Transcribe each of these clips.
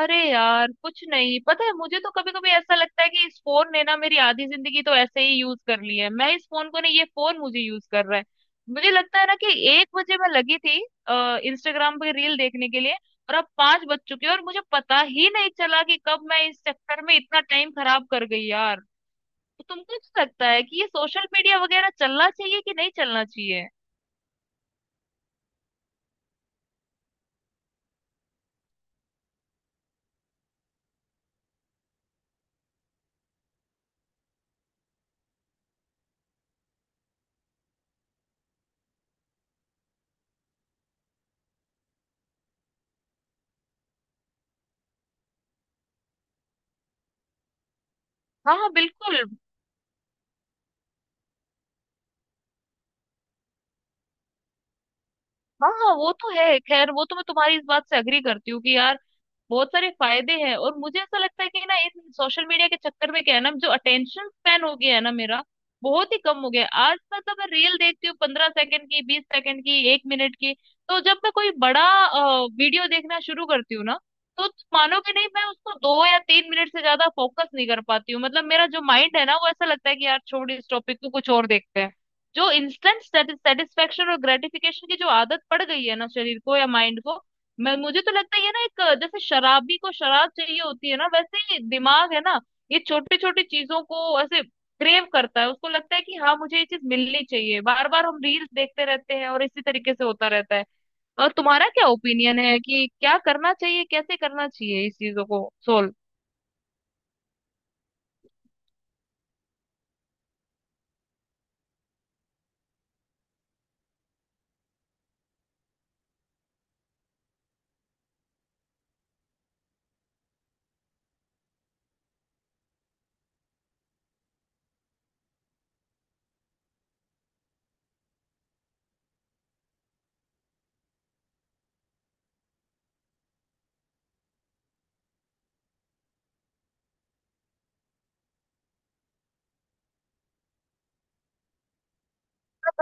अरे यार, कुछ नहीं पता है मुझे। तो कभी कभी ऐसा लगता है कि इस फोन ने ना मेरी आधी जिंदगी तो ऐसे ही यूज कर ली है। मैं इस फोन को नहीं, ये फोन मुझे यूज कर रहा है। मुझे लगता है ना कि 1 बजे मैं लगी थी इंस्टाग्राम पे रील देखने के लिए, और अब 5 बज चुके हैं और मुझे पता ही नहीं चला कि कब मैं इस चक्कर में इतना टाइम खराब कर गई यार। तो तुमको क्या लगता है कि ये सोशल मीडिया वगैरह चलना चाहिए कि नहीं चलना चाहिए? हाँ हाँ बिल्कुल। हाँ हाँ वो तो है। खैर, वो तो मैं तुम्हारी इस बात से अग्री करती हूँ कि यार बहुत सारे फायदे हैं। और मुझे ऐसा लगता है कि ना, इन सोशल मीडिया के चक्कर में क्या है ना, जो अटेंशन स्पैन हो गया है ना मेरा, बहुत ही कम हो गया है। आज मतलब मैं रील देखती हूँ 15 सेकंड की, 20 सेकंड की, 1 मिनट की। तो जब मैं कोई बड़ा वीडियो देखना शुरू करती हूँ ना, तो मानोगे नहीं, मैं उसको 2 या 3 मिनट से ज्यादा फोकस नहीं कर पाती हूँ। मतलब मेरा जो माइंड है ना, वो ऐसा लगता है कि यार छोड़ इस टॉपिक को, कुछ और देखते हैं। जो इंस्टेंट सेटिस्फेक्शन और ग्रेटिफिकेशन की जो आदत पड़ गई है ना शरीर को या माइंड को, मैं मुझे तो लगता है ये ना, एक जैसे शराबी को शराब चाहिए होती है ना, वैसे ही दिमाग है ना। ये छोटी छोटी चीजों को ऐसे क्रेव करता है, उसको लगता है कि हाँ मुझे ये चीज मिलनी चाहिए, बार बार हम रील्स देखते रहते हैं और इसी तरीके से होता रहता है। और तुम्हारा क्या ओपिनियन है कि क्या करना चाहिए, कैसे करना चाहिए इस चीजों को सोल्व?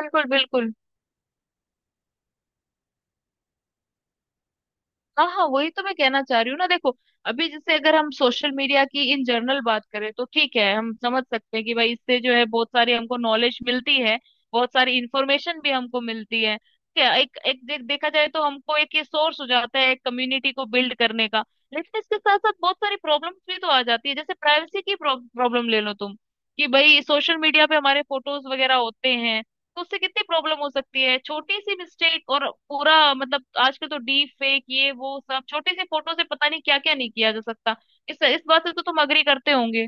बिल्कुल बिल्कुल। हाँ हाँ, वही तो मैं कहना चाह रही हूँ ना। देखो, अभी जैसे अगर हम सोशल मीडिया की इन जनरल बात करें तो ठीक है, हम समझ सकते हैं कि भाई इससे जो है बहुत सारी हमको नॉलेज मिलती है, बहुत सारी इंफॉर्मेशन भी हमको मिलती है। क्या एक एक देखा जाए तो हमको एक ये सोर्स हो जाता है एक कम्युनिटी को बिल्ड करने का। लेकिन इसके साथ साथ बहुत सारी प्रॉब्लम्स भी तो आ जाती है। जैसे प्राइवेसी की प्रॉब्लम ले लो तुम, कि भाई सोशल मीडिया पे हमारे फोटोज वगैरह होते हैं, तो उससे कितनी प्रॉब्लम हो सकती है। छोटी सी मिस्टेक और पूरा मतलब, आजकल तो डीप फेक ये वो सब, छोटी सी फोटो से पता नहीं क्या क्या नहीं किया जा सकता। इस बात से तो तुम अग्री करते होंगे।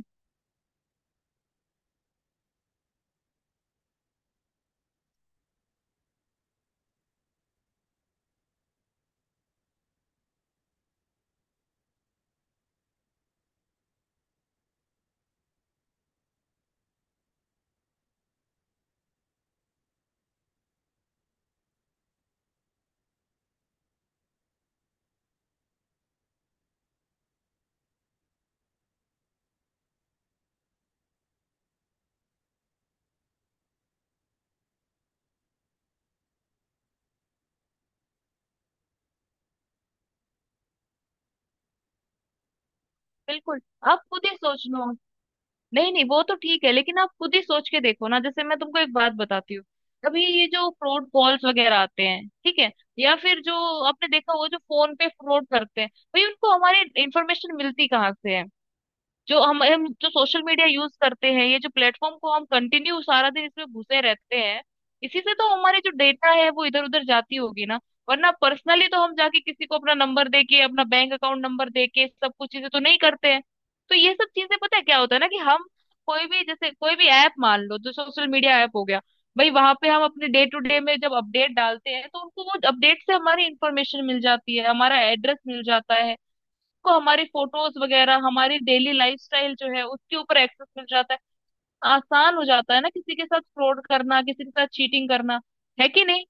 बिल्कुल। आप खुद ही सोच लो। नहीं नहीं वो तो ठीक है, लेकिन आप खुद ही सोच के देखो ना। जैसे मैं तुमको एक बात बताती हूँ, अभी ये जो फ्रॉड कॉल्स वगैरह आते हैं, ठीक है? या फिर जो आपने देखा वो जो फोन पे फ्रॉड करते हैं, भाई उनको हमारी इंफॉर्मेशन मिलती कहाँ से है? जो हम जो सोशल मीडिया यूज करते हैं, ये जो प्लेटफॉर्म को हम कंटिन्यू सारा दिन इसमें घुसे रहते हैं, इसी से तो हमारी जो डेटा है वो इधर उधर जाती होगी ना। वरना पर्सनली तो हम जाके किसी को अपना नंबर दे के, अपना बैंक अकाउंट नंबर दे के सब कुछ चीजें तो नहीं करते हैं। तो ये सब चीजें, पता है क्या होता है ना, कि हम कोई भी, जैसे कोई भी ऐप मान लो जो सोशल मीडिया ऐप हो गया, भाई वहां पे हम अपने डे टू डे में जब अपडेट डालते हैं तो उनको, वो अपडेट से हमारी इंफॉर्मेशन मिल जाती है, हमारा एड्रेस मिल जाता है, को हमारी फोटोज वगैरह हमारी डेली लाइफस्टाइल जो है उसके ऊपर एक्सेस मिल जाता है। आसान हो जाता है ना किसी के साथ फ्रॉड करना, किसी के साथ चीटिंग करना। है कि नहीं?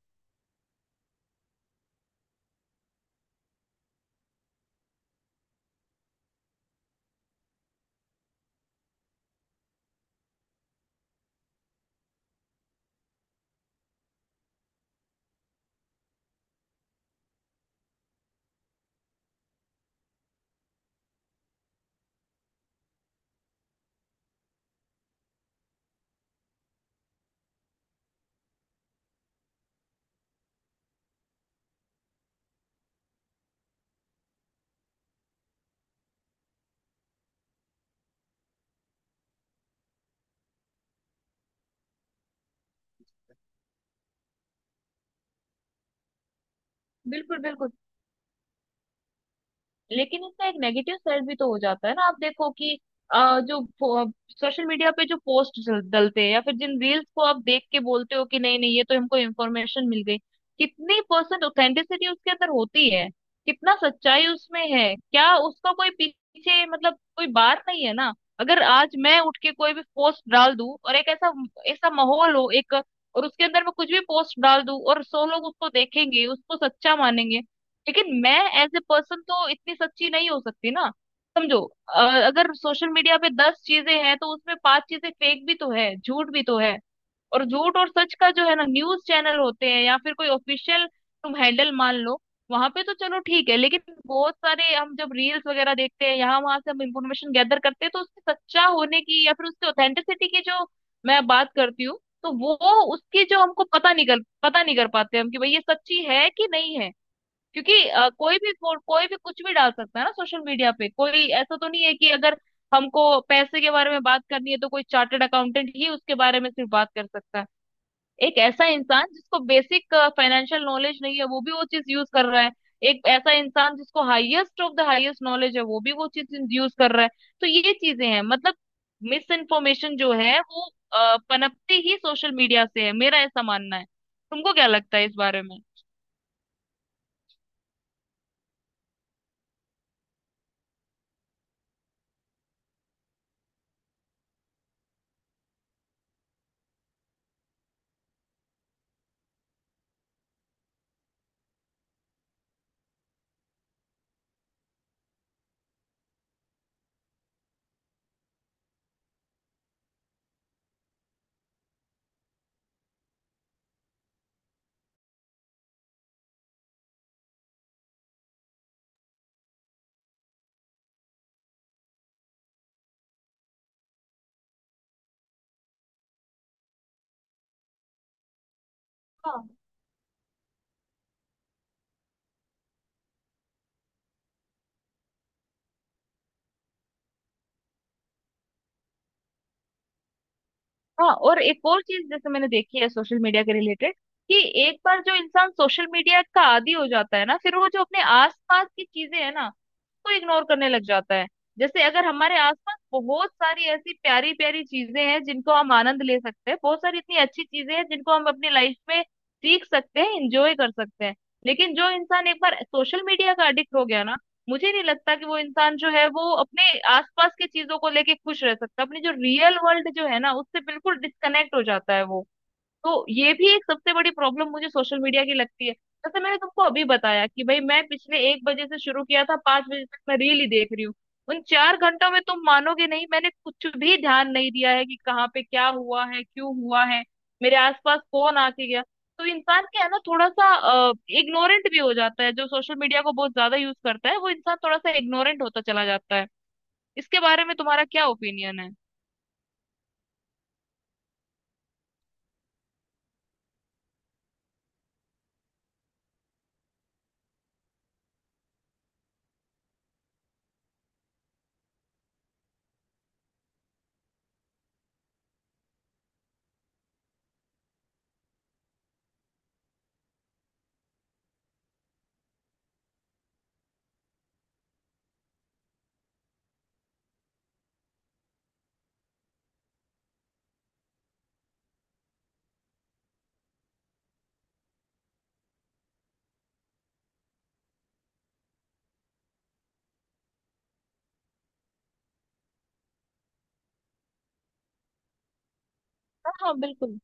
बिल्कुल बिल्कुल। लेकिन इसका एक नेगेटिव साइड भी तो हो जाता है ना। आप देखो कि जो सोशल मीडिया पे जो पोस्ट डलते हैं, या फिर जिन रील्स को आप देख के बोलते हो कि नहीं नहीं ये तो हमको इन्फॉर्मेशन मिल गई, कितनी परसेंट ऑथेंटिसिटी उसके अंदर होती है, कितना सच्चाई उसमें है, क्या उसका कोई पीछे मतलब कोई बात नहीं है ना। अगर आज मैं उठ के कोई भी पोस्ट डाल दूं और एक ऐसा ऐसा माहौल हो एक, और उसके अंदर मैं कुछ भी पोस्ट डाल दूं, और 100 लोग उसको देखेंगे, उसको सच्चा मानेंगे। लेकिन मैं एज ए पर्सन तो इतनी सच्ची नहीं हो सकती ना, समझो। अ, अगर सोशल मीडिया पे 10 चीजें हैं तो उसमें 5 चीजें फेक भी तो है, झूठ भी तो है। और झूठ और सच का जो है ना, न्यूज चैनल होते हैं या फिर कोई ऑफिशियल तुम हैंडल मान लो, वहां पे तो चलो ठीक है, लेकिन बहुत सारे हम जब रील्स वगैरह देखते हैं, यहाँ वहां से हम इंफॉर्मेशन गैदर करते हैं, तो उसके सच्चा होने की या फिर उसके ऑथेंटिसिटी की जो मैं बात करती हूँ, तो वो उसकी जो हमको पता नहीं कर पाते हम कि भाई ये सच्ची है कि नहीं है। क्योंकि कोई भी कोई भी कुछ भी डाल सकता है ना सोशल मीडिया पे। कोई ऐसा तो नहीं है कि अगर हमको पैसे के बारे में बात करनी है तो कोई चार्टर्ड अकाउंटेंट ही उसके बारे में सिर्फ बात कर सकता है। एक ऐसा इंसान जिसको बेसिक फाइनेंशियल नॉलेज नहीं है वो भी वो चीज यूज कर रहा है, एक ऐसा इंसान जिसको highest of the highest knowledge है वो भी वो चीज यूज कर रहा है। तो ये चीजें हैं मतलब, मिस इन्फॉर्मेशन जो है वो पनपती ही सोशल मीडिया से है, मेरा ऐसा मानना है। तुमको क्या लगता है इस बारे में? हाँ हाँ। और एक और चीज जैसे मैंने देखी है सोशल मीडिया के रिलेटेड, कि एक बार जो इंसान सोशल मीडिया का आदी हो जाता है ना, फिर वो जो अपने आसपास की चीजें है ना को इग्नोर करने लग जाता है। जैसे अगर हमारे आसपास बहुत सारी ऐसी प्यारी प्यारी चीजें हैं जिनको हम आनंद ले सकते हैं, बहुत सारी इतनी अच्छी चीजें हैं जिनको हम अपनी लाइफ में सीख सकते हैं, इंजॉय कर सकते हैं। लेकिन जो इंसान एक बार सोशल मीडिया का अडिक्ट हो गया ना, मुझे नहीं लगता कि वो इंसान जो है वो अपने आसपास की चीजों को लेके खुश रह सकता। अपनी जो रियल वर्ल्ड जो है ना उससे बिल्कुल डिस्कनेक्ट हो जाता है वो। तो ये भी एक सबसे बड़ी प्रॉब्लम मुझे सोशल मीडिया की लगती है। जैसे मैंने तुमको अभी बताया कि भाई मैं पिछले 1 बजे से शुरू किया था, 5 बजे तक मैं रील ही देख रही हूँ। उन 4 घंटों में तुम मानोगे नहीं, मैंने कुछ भी ध्यान नहीं दिया है कि कहाँ पे क्या हुआ है, क्यों हुआ है, मेरे आसपास कौन आके गया। तो इंसान क्या है ना, थोड़ा सा इग्नोरेंट भी हो जाता है जो सोशल मीडिया को बहुत ज्यादा यूज करता है। वो इंसान थोड़ा सा इग्नोरेंट होता चला जाता है। इसके बारे में तुम्हारा क्या ओपिनियन है? हाँ हाँ बिल्कुल।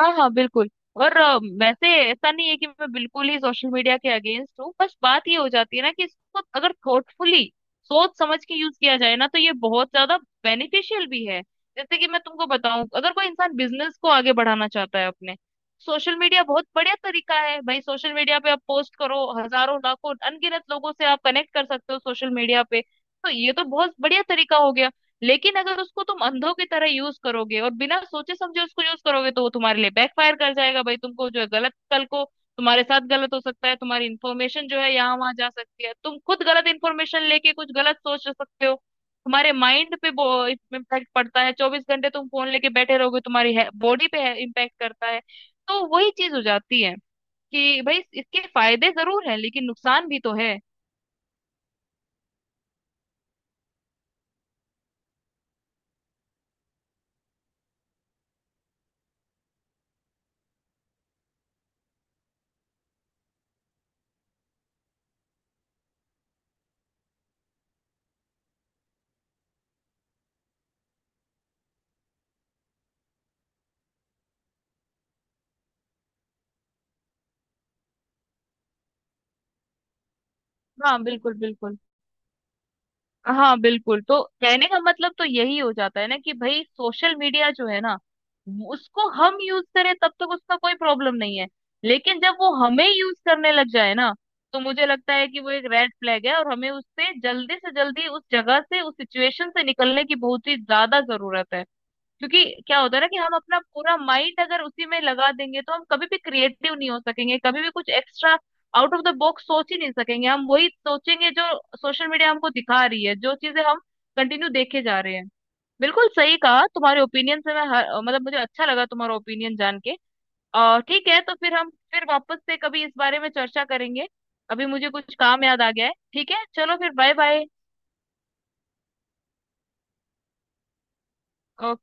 हाँ हाँ बिल्कुल। और वैसे ऐसा नहीं है कि मैं बिल्कुल ही सोशल मीडिया के अगेंस्ट हूँ। बस बात ये हो जाती है ना कि इसको अगर थॉटफुली, सोच समझ के यूज किया जाए ना, तो ये बहुत ज्यादा बेनिफिशियल भी है। जैसे कि मैं तुमको बताऊं, अगर कोई इंसान बिजनेस को आगे बढ़ाना चाहता है अपने, सोशल मीडिया बहुत बढ़िया तरीका है भाई। सोशल मीडिया पे आप पोस्ट करो, हजारों लाखों अनगिनत लोगों से आप कनेक्ट कर सकते हो सोशल मीडिया पे, तो ये तो बहुत बढ़िया तरीका हो गया। लेकिन अगर उसको तुम अंधों की तरह यूज करोगे और बिना सोचे समझे उसको यूज करोगे, तो वो तुम्हारे लिए फायर कर जाएगा भाई। तुमको जो है गलत, कल को तुम्हारे साथ गलत हो सकता है, तुम्हारी इन्फॉर्मेशन जो है यहाँ वहां जा सकती है, तुम खुद गलत इन्फॉर्मेशन लेके कुछ गलत सोच सकते हो। तुम्हारे माइंड पे इम्पैक्ट पड़ता है, 24 घंटे तुम फोन लेके बैठे रहोगे तुम्हारी बॉडी पे इम्पैक्ट करता है। तो वही चीज हो जाती है कि भाई इसके फायदे जरूर हैं लेकिन नुकसान भी तो है। हाँ बिल्कुल बिल्कुल। हाँ बिल्कुल, तो कहने का मतलब तो यही हो जाता है ना कि भाई सोशल मीडिया जो है ना, उसको हम यूज करें तब तक उसका कोई प्रॉब्लम नहीं है। लेकिन जब वो हमें यूज करने लग जाए ना, तो मुझे लगता है कि वो एक रेड फ्लैग है, और हमें उससे जल्दी से जल्दी उस जगह से उस सिचुएशन से निकलने की बहुत ही ज्यादा जरूरत है। क्योंकि क्या होता है ना कि हम अपना पूरा माइंड अगर उसी में लगा देंगे तो हम कभी भी क्रिएटिव नहीं हो सकेंगे, कभी भी कुछ extra out of the box सोच ही नहीं सकेंगे। हम वही सोचेंगे जो सोशल मीडिया हमको दिखा रही है, जो चीजें हम कंटिन्यू देखे जा रहे हैं। बिल्कुल सही कहा, तुम्हारे ओपिनियन से मैं मतलब मुझे अच्छा लगा तुम्हारा ओपिनियन जान के। और ठीक है, तो फिर हम फिर वापस से कभी इस बारे में चर्चा करेंगे। अभी मुझे कुछ काम याद आ गया है, ठीक है? चलो फिर, बाय बाय। ओके।